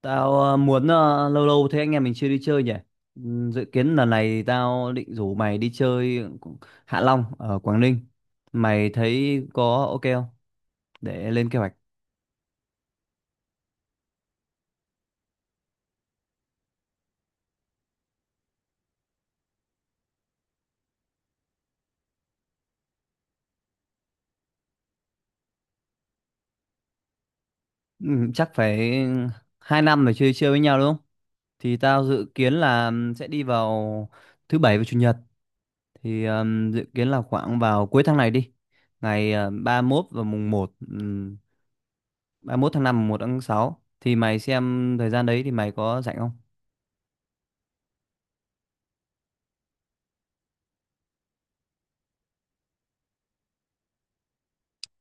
Tao muốn lâu lâu thế anh em mình chưa đi chơi nhỉ? Dự kiến lần này tao định rủ mày đi chơi Hạ Long ở Quảng Ninh. Mày thấy có ok không? Để lên kế hoạch. Chắc phải hai năm rồi chưa đi chơi với nhau đúng không? Thì tao dự kiến là sẽ đi vào thứ bảy và chủ nhật. Thì dự kiến là khoảng vào cuối tháng này đi. Ngày ba mốt và mùng 1, ba mốt tháng năm, mùng 1 tháng sáu. Thì mày xem thời gian đấy thì mày có rảnh không?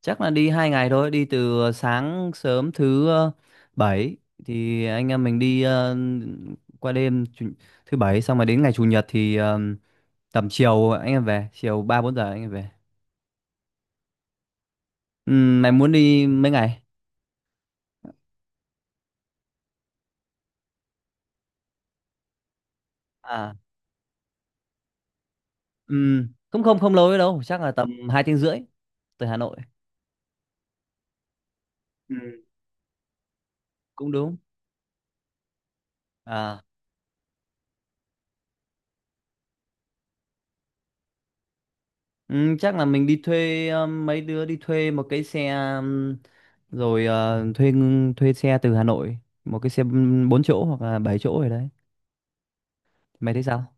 Chắc là đi hai ngày thôi, đi từ sáng sớm thứ bảy thì anh em mình đi qua đêm thứ bảy, xong rồi đến ngày chủ nhật thì tầm chiều anh em về, chiều 3 4 giờ anh em về. Mày muốn đi mấy ngày? À, không không không lâu ấy đâu, chắc là tầm 2 tiếng rưỡi từ Hà Nội. Ừ, cũng đúng. À. Ừ, chắc là mình đi thuê mấy đứa đi thuê một cái xe, um, rồi thuê xe từ Hà Nội, một cái xe 4 chỗ hoặc là 7 chỗ rồi đấy, mày thấy sao.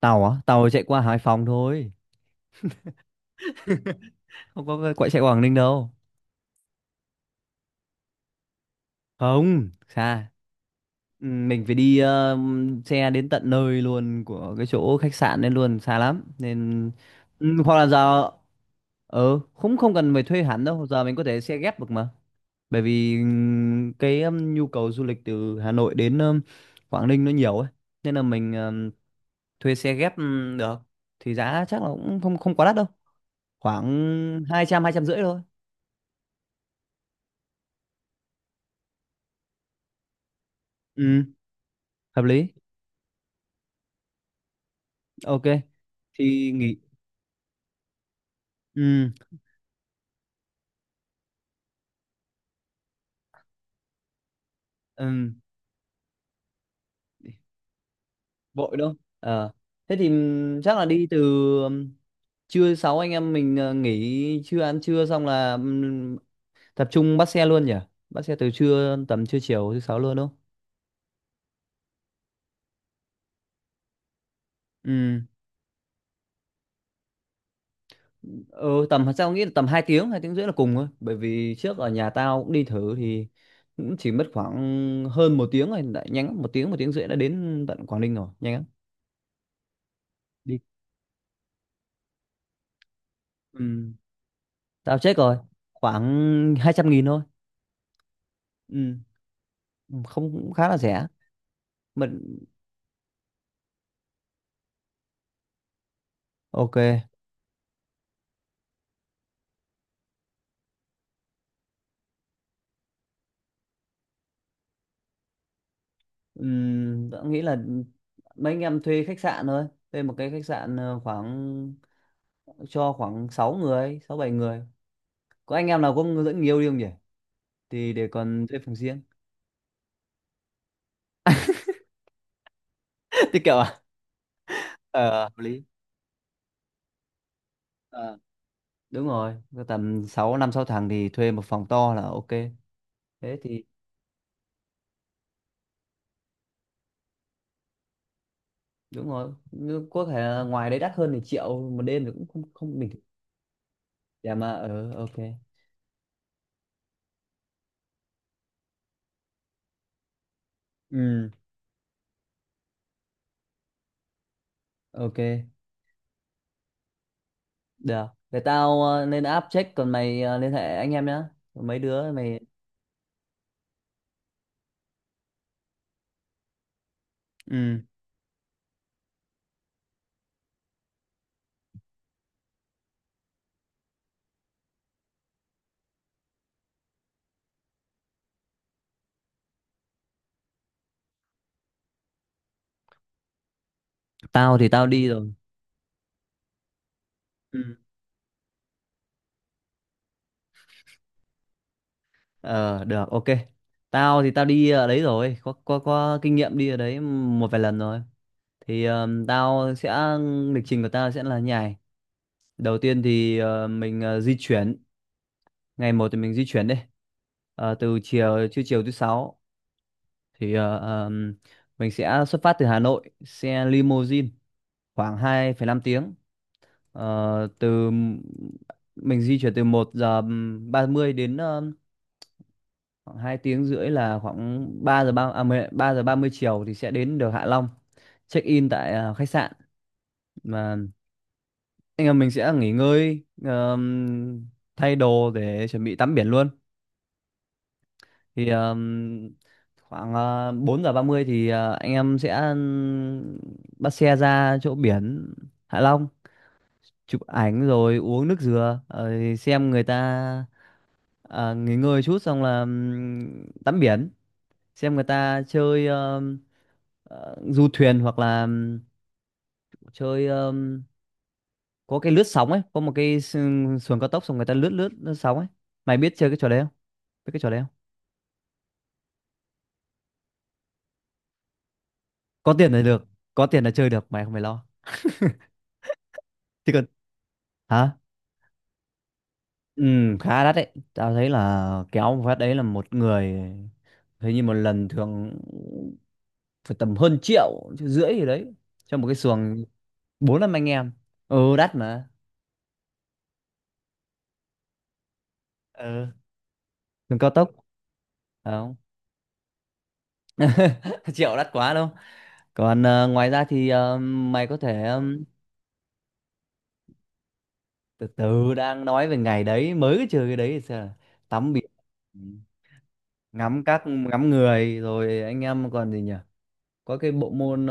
Tàu á, tàu chạy qua Hải Phòng thôi, không có quậy chạy qua Quảng Ninh đâu. Không xa. Ừ, mình phải đi xe đến tận nơi luôn của cái chỗ khách sạn đến luôn, xa lắm nên ừ, hoặc là giờ không không cần phải thuê hẳn đâu, giờ mình có thể xe ghép được mà. Bởi vì cái nhu cầu du lịch từ Hà Nội đến Quảng Ninh nó nhiều ấy, nên là mình thuê xe ghép được, thì giá chắc là cũng không không quá đắt đâu, khoảng hai trăm rưỡi thôi. Ừ, hợp lý. Ok. Thì nghỉ. Ừ. ừm, vội đâu. Ờ, thế thì chắc là đi từ ừm, trưa sáu anh em mình nghỉ trưa ăn trưa xong là tập trung bắt xe luôn nhỉ, bắt xe từ trưa tầm trưa chiều thứ sáu luôn đúng không. Ừ. Ừ, tầm sao nghĩ là tầm hai tiếng rưỡi là cùng thôi, bởi vì trước ở nhà tao cũng đi thử thì cũng chỉ mất khoảng hơn một tiếng rồi, đã nhanh lắm một tiếng rưỡi đã đến tận Quảng Ninh rồi, nhanh lắm. Đi ừ. Tao check rồi, khoảng 200 nghìn thôi. Ừ. Không cũng khá là rẻ. Mình ok. Ừ. Tao nghĩ là mấy anh em thuê khách sạn thôi, thuê một cái khách sạn khoảng cho khoảng 6 người 6 7 người, có anh em nào có dẫn người yêu đi không nhỉ, thì để còn thuê phòng riêng. Thì kiểu ờ hợp lý. Ờ, đúng rồi, cứ tầm 6 năm 6 thằng thì thuê một phòng to là ok. Thế thì đúng rồi, nhưng có thể là ngoài đấy đắt hơn thì triệu một đêm thì cũng không không bình thường. Dạ mà ờ ok. Ừ, ok, được, để tao lên app check, còn mày liên hệ anh em nhá. Còn mấy đứa mày ừ, tao thì tao đi rồi. Ừ. Ờ, được ok. Tao thì tao đi ở đấy rồi, có kinh nghiệm đi ở đấy một vài lần rồi, thì tao sẽ, lịch trình của tao sẽ là như này. Đầu tiên thì mình di chuyển, ngày một thì mình di chuyển đi. Ờ, từ chiều trưa chiều thứ sáu thì mình sẽ xuất phát từ Hà Nội xe limousine, khoảng hai phẩy năm tiếng. Ờ, từ mình di chuyển từ một giờ 30 đến khoảng 2 tiếng rưỡi là khoảng 3 giờ 3 giờ 30 chiều thì sẽ đến được Hạ Long, check in tại khách sạn mà anh em mình sẽ nghỉ ngơi, thay đồ để chuẩn bị tắm biển luôn. Thì khoảng 4 giờ 30 thì anh em sẽ bắt xe ra chỗ biển Hạ Long, chụp ảnh rồi uống nước dừa rồi xem người ta, à, nghỉ ngơi chút xong là tắm biển, xem người ta chơi du thuyền hoặc là chơi có cái lướt sóng ấy, có một xuồng cao tốc xong người ta lướt lướt, lướt sóng ấy. Mày biết chơi cái trò đấy không, biết cái trò đấy không. Có tiền là được, có tiền là chơi được, mày không phải lo, chứ còn. Hả? Ừ, khá đắt đấy. Tao thấy là kéo một phát đấy là một người, hình như một lần thường phải tầm hơn triệu, triệu rưỡi gì đấy cho một cái xuồng bốn năm anh em. Ừ đắt mà. Ừ, đường cao tốc. Phải Không. Triệu đắt quá đâu. Còn ngoài ra thì mày có thể từ từ đang nói về ngày đấy, mới cái trừ cái đấy thì sao, là tắm biển, ngắm các ngắm người rồi anh em còn gì nhỉ? Có cái bộ môn,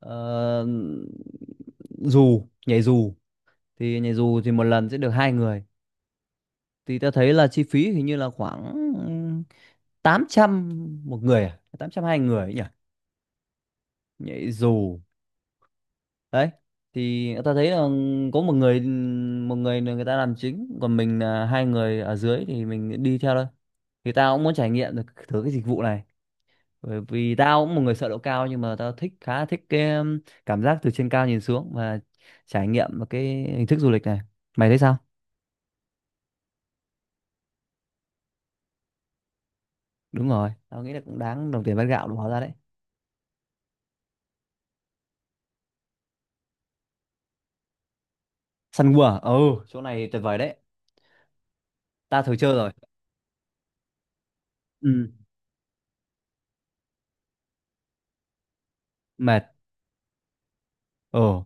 ờ, dù nhảy dù, thì nhảy dù thì một lần sẽ được hai người. Thì ta thấy là chi phí hình như là khoảng 800 một người, à 800 hai người ấy nhỉ, nhảy dù đấy. Thì ta thấy là có một người, một người là người ta làm chính còn mình là hai người ở dưới thì mình đi theo thôi. Thì tao cũng muốn trải nghiệm được thử cái dịch vụ này, bởi vì tao cũng một người sợ độ cao, nhưng mà tao thích khá thích cái cảm giác từ trên cao nhìn xuống và trải nghiệm một cái hình thức du lịch này, mày thấy sao. Đúng rồi, tao nghĩ là cũng đáng đồng tiền bát gạo đúng hóa ra đấy. Săn cua à? Ừ, chỗ này tuyệt vời đấy, ta thử chơi rồi. Ừ. Mệt. Ừ.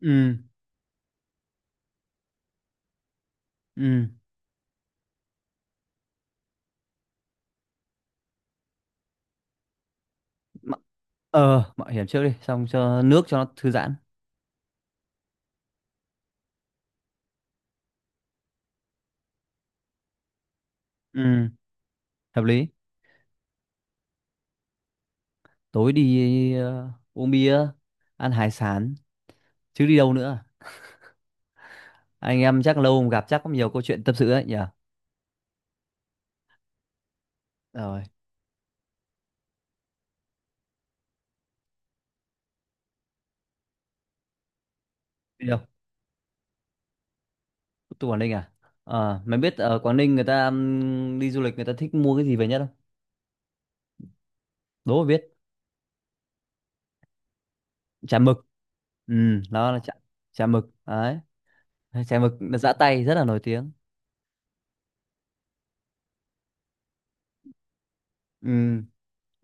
Ừ. Ừ. M- ờ mạo hiểm trước đi, xong cho nước cho nó thư giãn. Ừ, hợp lý. Tối đi uống bia, ăn hải sản, chứ đi đâu nữa. Anh em chắc lâu không gặp, chắc có nhiều câu chuyện tâm sự đấy nhỉ. Rồi. Đi đâu? Tôi Quảng Ninh à. Ờ, mày biết ở Quảng Ninh người ta đi du lịch người ta thích mua cái gì về nhất không? Đố mà biết. Chả mực. Ừ, nó là chả mực đấy, chả mực là giã tay rất là nổi tiếng. Ừ,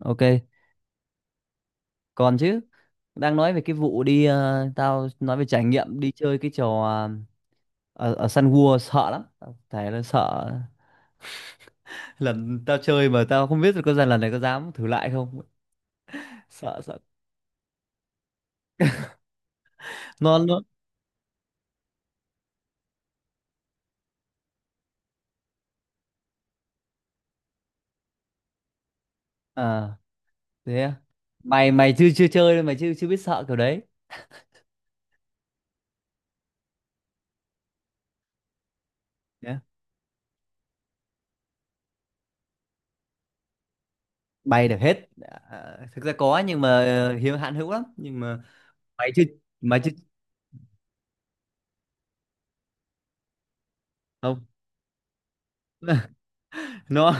ok. Còn chứ, đang nói về cái vụ đi tao nói về trải nghiệm đi chơi cái trò ở, ở Sun World sợ lắm, tao thề là sợ. Lần tao chơi mà tao không biết được có lần lần này có dám thử lại không. Sợ sợ non luôn. Thế à? Mày mày chưa chưa chơi đâu, mày chưa chưa biết sợ kiểu đấy. Nhá. Bay được hết. À, thực ra có nhưng mà hiếm hạn hữu lắm, nhưng mà mày chưa mày chưa không. nó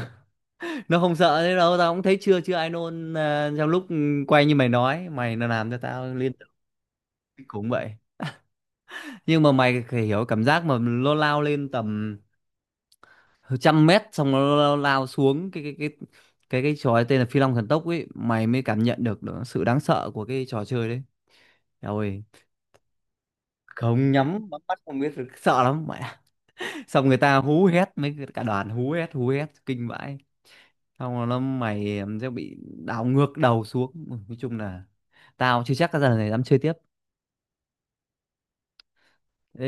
nó không sợ thế đâu, tao cũng thấy chưa chưa ai nôn à, trong lúc quay như mày nói, mày nó làm cho tao liên tưởng cũng vậy. Nhưng mà mày phải hiểu cảm giác mà nó lao lên tầm trăm mét xong nó lao xuống cái trò ấy tên là Phi Long Thần Tốc ấy, mày mới cảm nhận được, được sự đáng sợ của cái trò chơi đấy. Eo ơi, không nhắm bắn mắt không biết, sợ lắm mẹ. Xong người ta hú hét mấy cả đoàn, hú hét kinh vãi, xong rồi nó mày em sẽ bị đảo ngược đầu xuống. Ui, nói chung là tao chưa chắc cái giờ này dám chơi tiếp.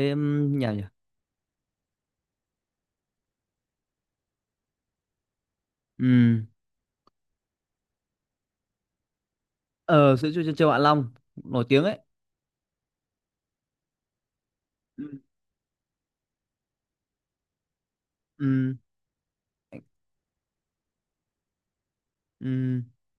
Ê, em nhỉ nhỉ. Ừ. Ờ, sữa chua chân châu Hạ Long nổi tiếng ấy. Ừ. Ừ. Ừ.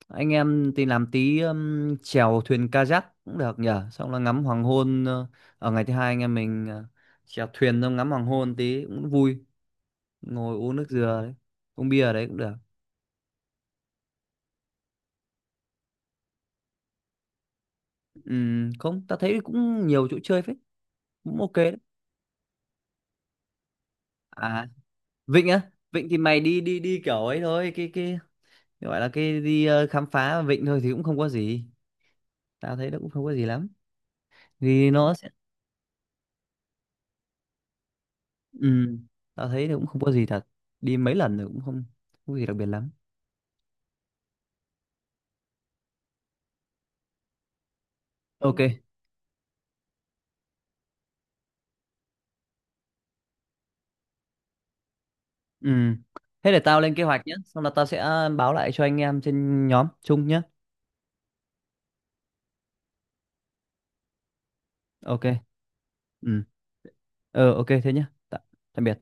Anh em thì làm tí chèo thuyền kayak cũng được nhỉ, xong là ngắm hoàng hôn ở ngày thứ hai anh em mình chèo thuyền xong ngắm hoàng hôn tí cũng vui, ngồi uống nước dừa đấy, uống bia ở đấy cũng được. Không ta thấy cũng nhiều chỗ chơi phết, cũng ok đấy. À, Vịnh á, Vịnh thì mày đi đi đi kiểu ấy thôi, cái gọi là cái đi khám phá Vịnh thôi thì cũng không có gì, tao thấy nó cũng không có gì lắm. Vì nó sẽ Ừm, tao thấy nó cũng không có gì thật, đi mấy lần rồi cũng không không có gì đặc biệt lắm. Ok. Ừm, thế để tao lên kế hoạch nhé, xong là tao sẽ báo lại cho anh em trên nhóm chung nhé. Ok. Ừ, ờ ok thế nhé. Tạm biệt.